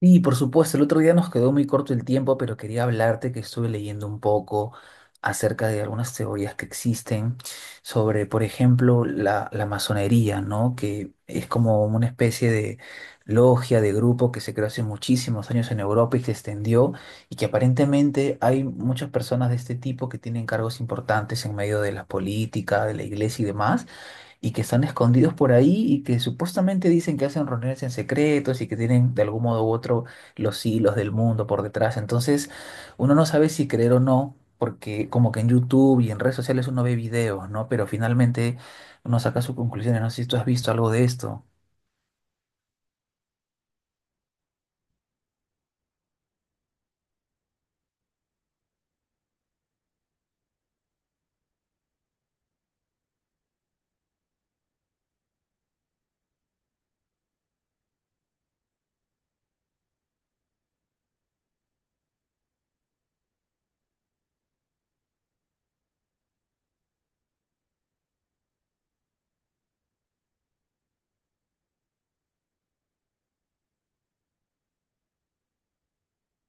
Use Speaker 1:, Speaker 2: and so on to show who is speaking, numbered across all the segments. Speaker 1: Sí, por supuesto, el otro día nos quedó muy corto el tiempo, pero quería hablarte que estuve leyendo un poco acerca de algunas teorías que existen sobre, por ejemplo, la masonería, ¿no? Que es como una especie de logia, de grupo que se creó hace muchísimos años en Europa y se extendió y que aparentemente hay muchas personas de este tipo que tienen cargos importantes en medio de la política, de la iglesia y demás y que están escondidos por ahí y que supuestamente dicen que hacen reuniones en secretos y que tienen de algún modo u otro los hilos del mundo por detrás. Entonces, uno no sabe si creer o no, porque como que en YouTube y en redes sociales uno ve videos, ¿no? Pero finalmente uno saca sus conclusiones. No sé si tú has visto algo de esto.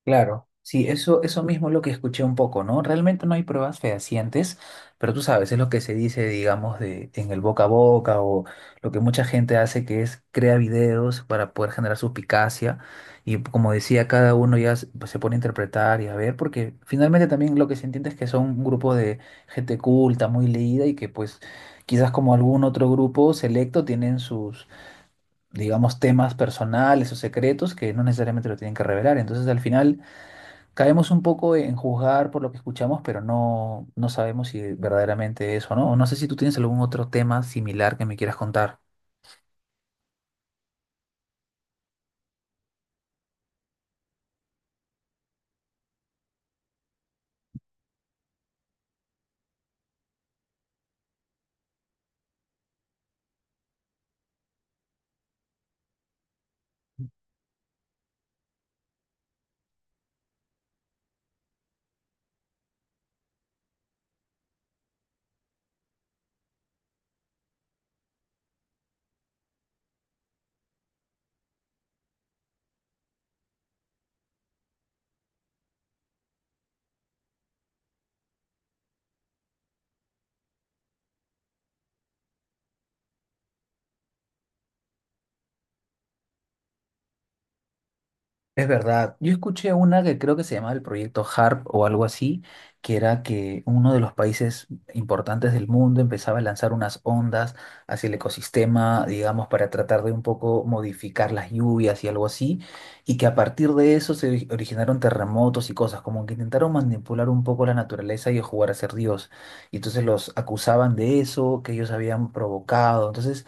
Speaker 1: Claro, sí, eso mismo es lo que escuché un poco, ¿no? Realmente no hay pruebas fehacientes, pero tú sabes, es lo que se dice, digamos, de, en el boca a boca o lo que mucha gente hace que es crea videos para poder generar suspicacia y como decía, cada uno ya se pues, se pone a interpretar y a ver, porque finalmente también lo que se entiende es que son un grupo de gente culta, muy leída y que pues quizás como algún otro grupo selecto tienen sus, digamos, temas personales o secretos que no necesariamente lo tienen que revelar. Entonces al final caemos un poco en juzgar por lo que escuchamos, pero no sabemos si verdaderamente es o no. No sé si tú tienes algún otro tema similar que me quieras contar. Es verdad, yo escuché una que creo que se llamaba el proyecto HARP o algo así, que era que uno de los países importantes del mundo empezaba a lanzar unas ondas hacia el ecosistema, digamos, para tratar de un poco modificar las lluvias y algo así, y que a partir de eso originaron terremotos y cosas, como que intentaron manipular un poco la naturaleza y jugar a ser Dios. Y entonces los acusaban de eso, que ellos habían provocado. Entonces...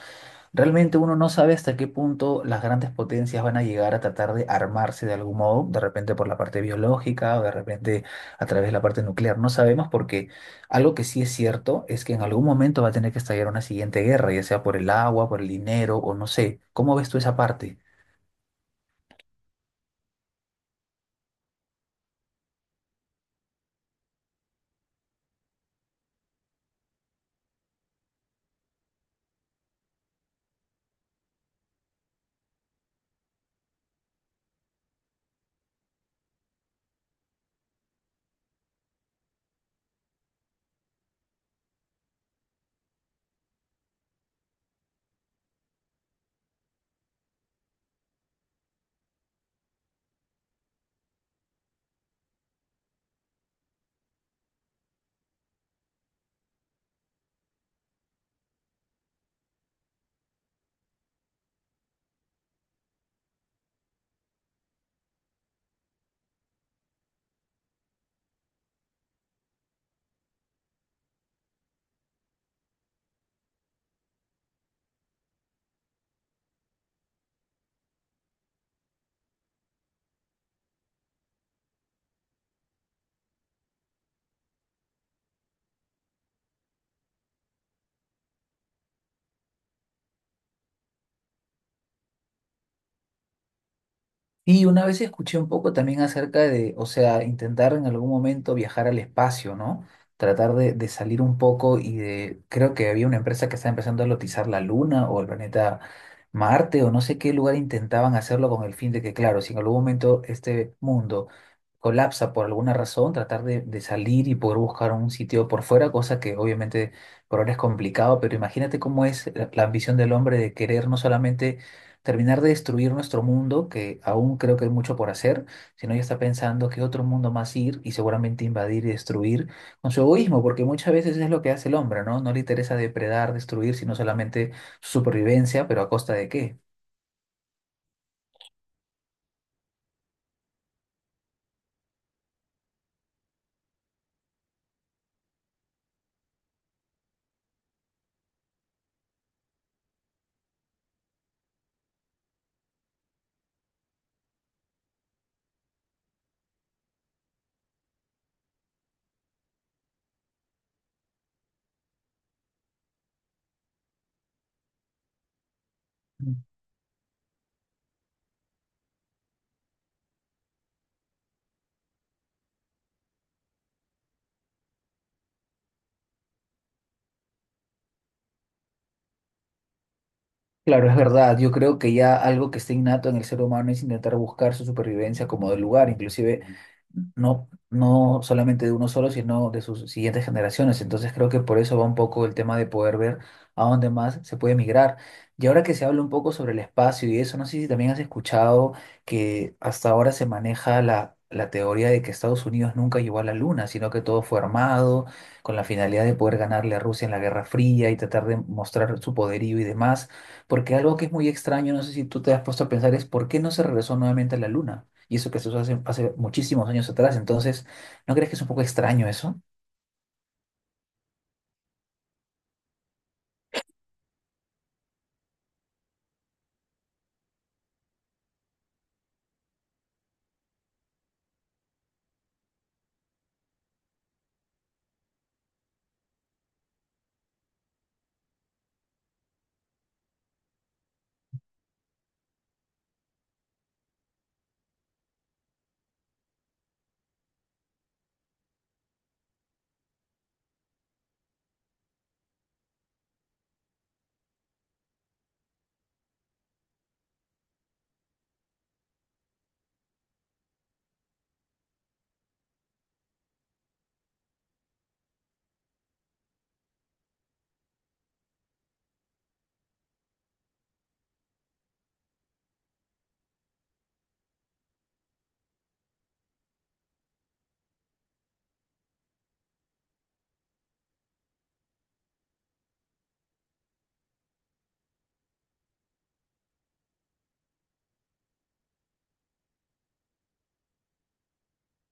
Speaker 1: Realmente uno no sabe hasta qué punto las grandes potencias van a llegar a tratar de armarse de algún modo, de repente por la parte biológica o de repente a través de la parte nuclear. No sabemos porque algo que sí es cierto es que en algún momento va a tener que estallar una siguiente guerra, ya sea por el agua, por el dinero o no sé. ¿Cómo ves tú esa parte? Y una vez escuché un poco también acerca de, o sea, intentar en algún momento viajar al espacio, ¿no? Tratar de salir un poco y de, creo que había una empresa que estaba empezando a lotizar la Luna o el planeta Marte o no sé qué lugar intentaban hacerlo con el fin de que, claro, si en algún momento este mundo colapsa por alguna razón, tratar de salir y poder buscar un sitio por fuera, cosa que obviamente por ahora es complicado, pero imagínate cómo es la ambición del hombre de querer no solamente terminar de destruir nuestro mundo, que aún creo que hay mucho por hacer, sino ya está pensando qué otro mundo más ir y seguramente invadir y destruir con su egoísmo, porque muchas veces es lo que hace el hombre, ¿no? No le interesa depredar, destruir, sino solamente su supervivencia, pero ¿a costa de qué? Claro, es verdad. Yo creo que ya algo que está innato en el ser humano es intentar buscar su supervivencia como del lugar, inclusive no solamente de uno solo, sino de sus siguientes generaciones. Entonces creo que por eso va un poco el tema de poder ver a dónde más se puede migrar. Y ahora que se habla un poco sobre el espacio y eso, no sé si también has escuchado que hasta ahora se maneja la teoría de que Estados Unidos nunca llegó a la Luna, sino que todo fue armado con la finalidad de poder ganarle a Rusia en la Guerra Fría y tratar de mostrar su poderío y demás. Porque algo que es muy extraño, no sé si tú te has puesto a pensar, es por qué no se regresó nuevamente a la Luna. Y eso que se hizo hace muchísimos años atrás. Entonces, ¿no crees que es un poco extraño eso?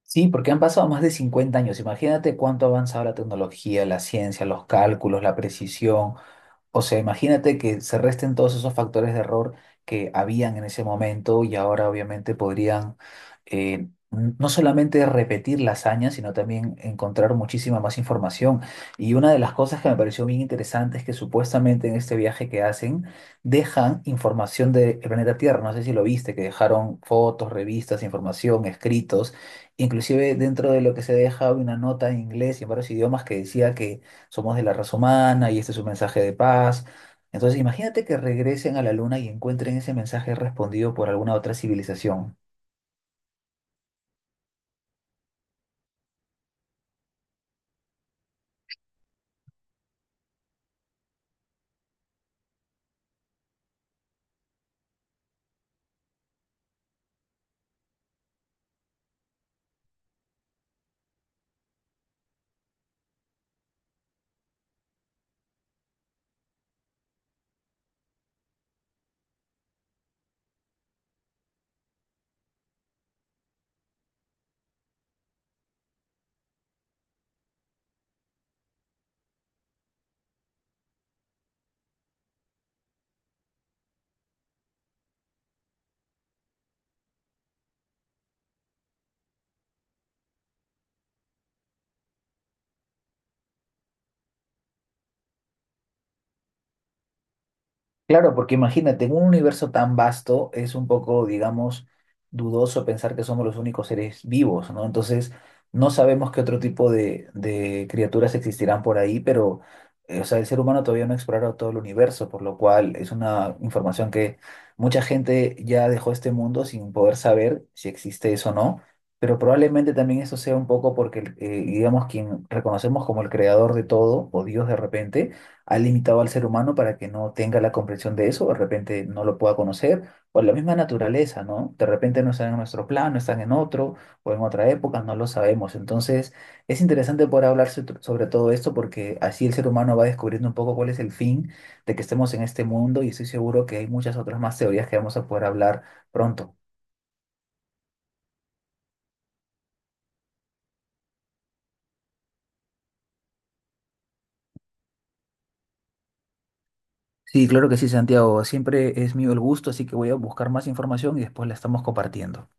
Speaker 1: Sí, porque han pasado más de 50 años. Imagínate cuánto ha avanzado la tecnología, la ciencia, los cálculos, la precisión. O sea, imagínate que se resten todos esos factores de error que habían en ese momento y ahora obviamente podrían no solamente repetir la hazaña, sino también encontrar muchísima más información. Y una de las cosas que me pareció bien interesante es que supuestamente en este viaje que hacen dejan información del planeta Tierra. No sé si lo viste, que dejaron fotos, revistas, información, escritos. Inclusive dentro de lo que se deja había una nota en inglés y en varios idiomas que decía que somos de la raza humana y este es un mensaje de paz. Entonces imagínate que regresen a la luna y encuentren ese mensaje respondido por alguna otra civilización. Claro, porque imagínate, en un universo tan vasto es un poco, digamos, dudoso pensar que somos los únicos seres vivos, ¿no? Entonces, no sabemos qué otro tipo de criaturas existirán por ahí, pero, o sea, el ser humano todavía no ha explorado todo el universo, por lo cual es una información que mucha gente ya dejó este mundo sin poder saber si existe eso o no, pero probablemente también eso sea un poco porque, digamos, quien reconocemos como el creador de todo, o Dios de repente, ha limitado al ser humano para que no tenga la comprensión de eso, de repente no lo pueda conocer, o la misma naturaleza, ¿no? De repente no están en nuestro plano, están en otro, o en otra época, no lo sabemos. Entonces, es interesante poder hablar sobre todo esto porque así el ser humano va descubriendo un poco cuál es el fin de que estemos en este mundo y estoy seguro que hay muchas otras más teorías que vamos a poder hablar pronto. Sí, claro que sí, Santiago. Siempre es mío el gusto, así que voy a buscar más información y después la estamos compartiendo.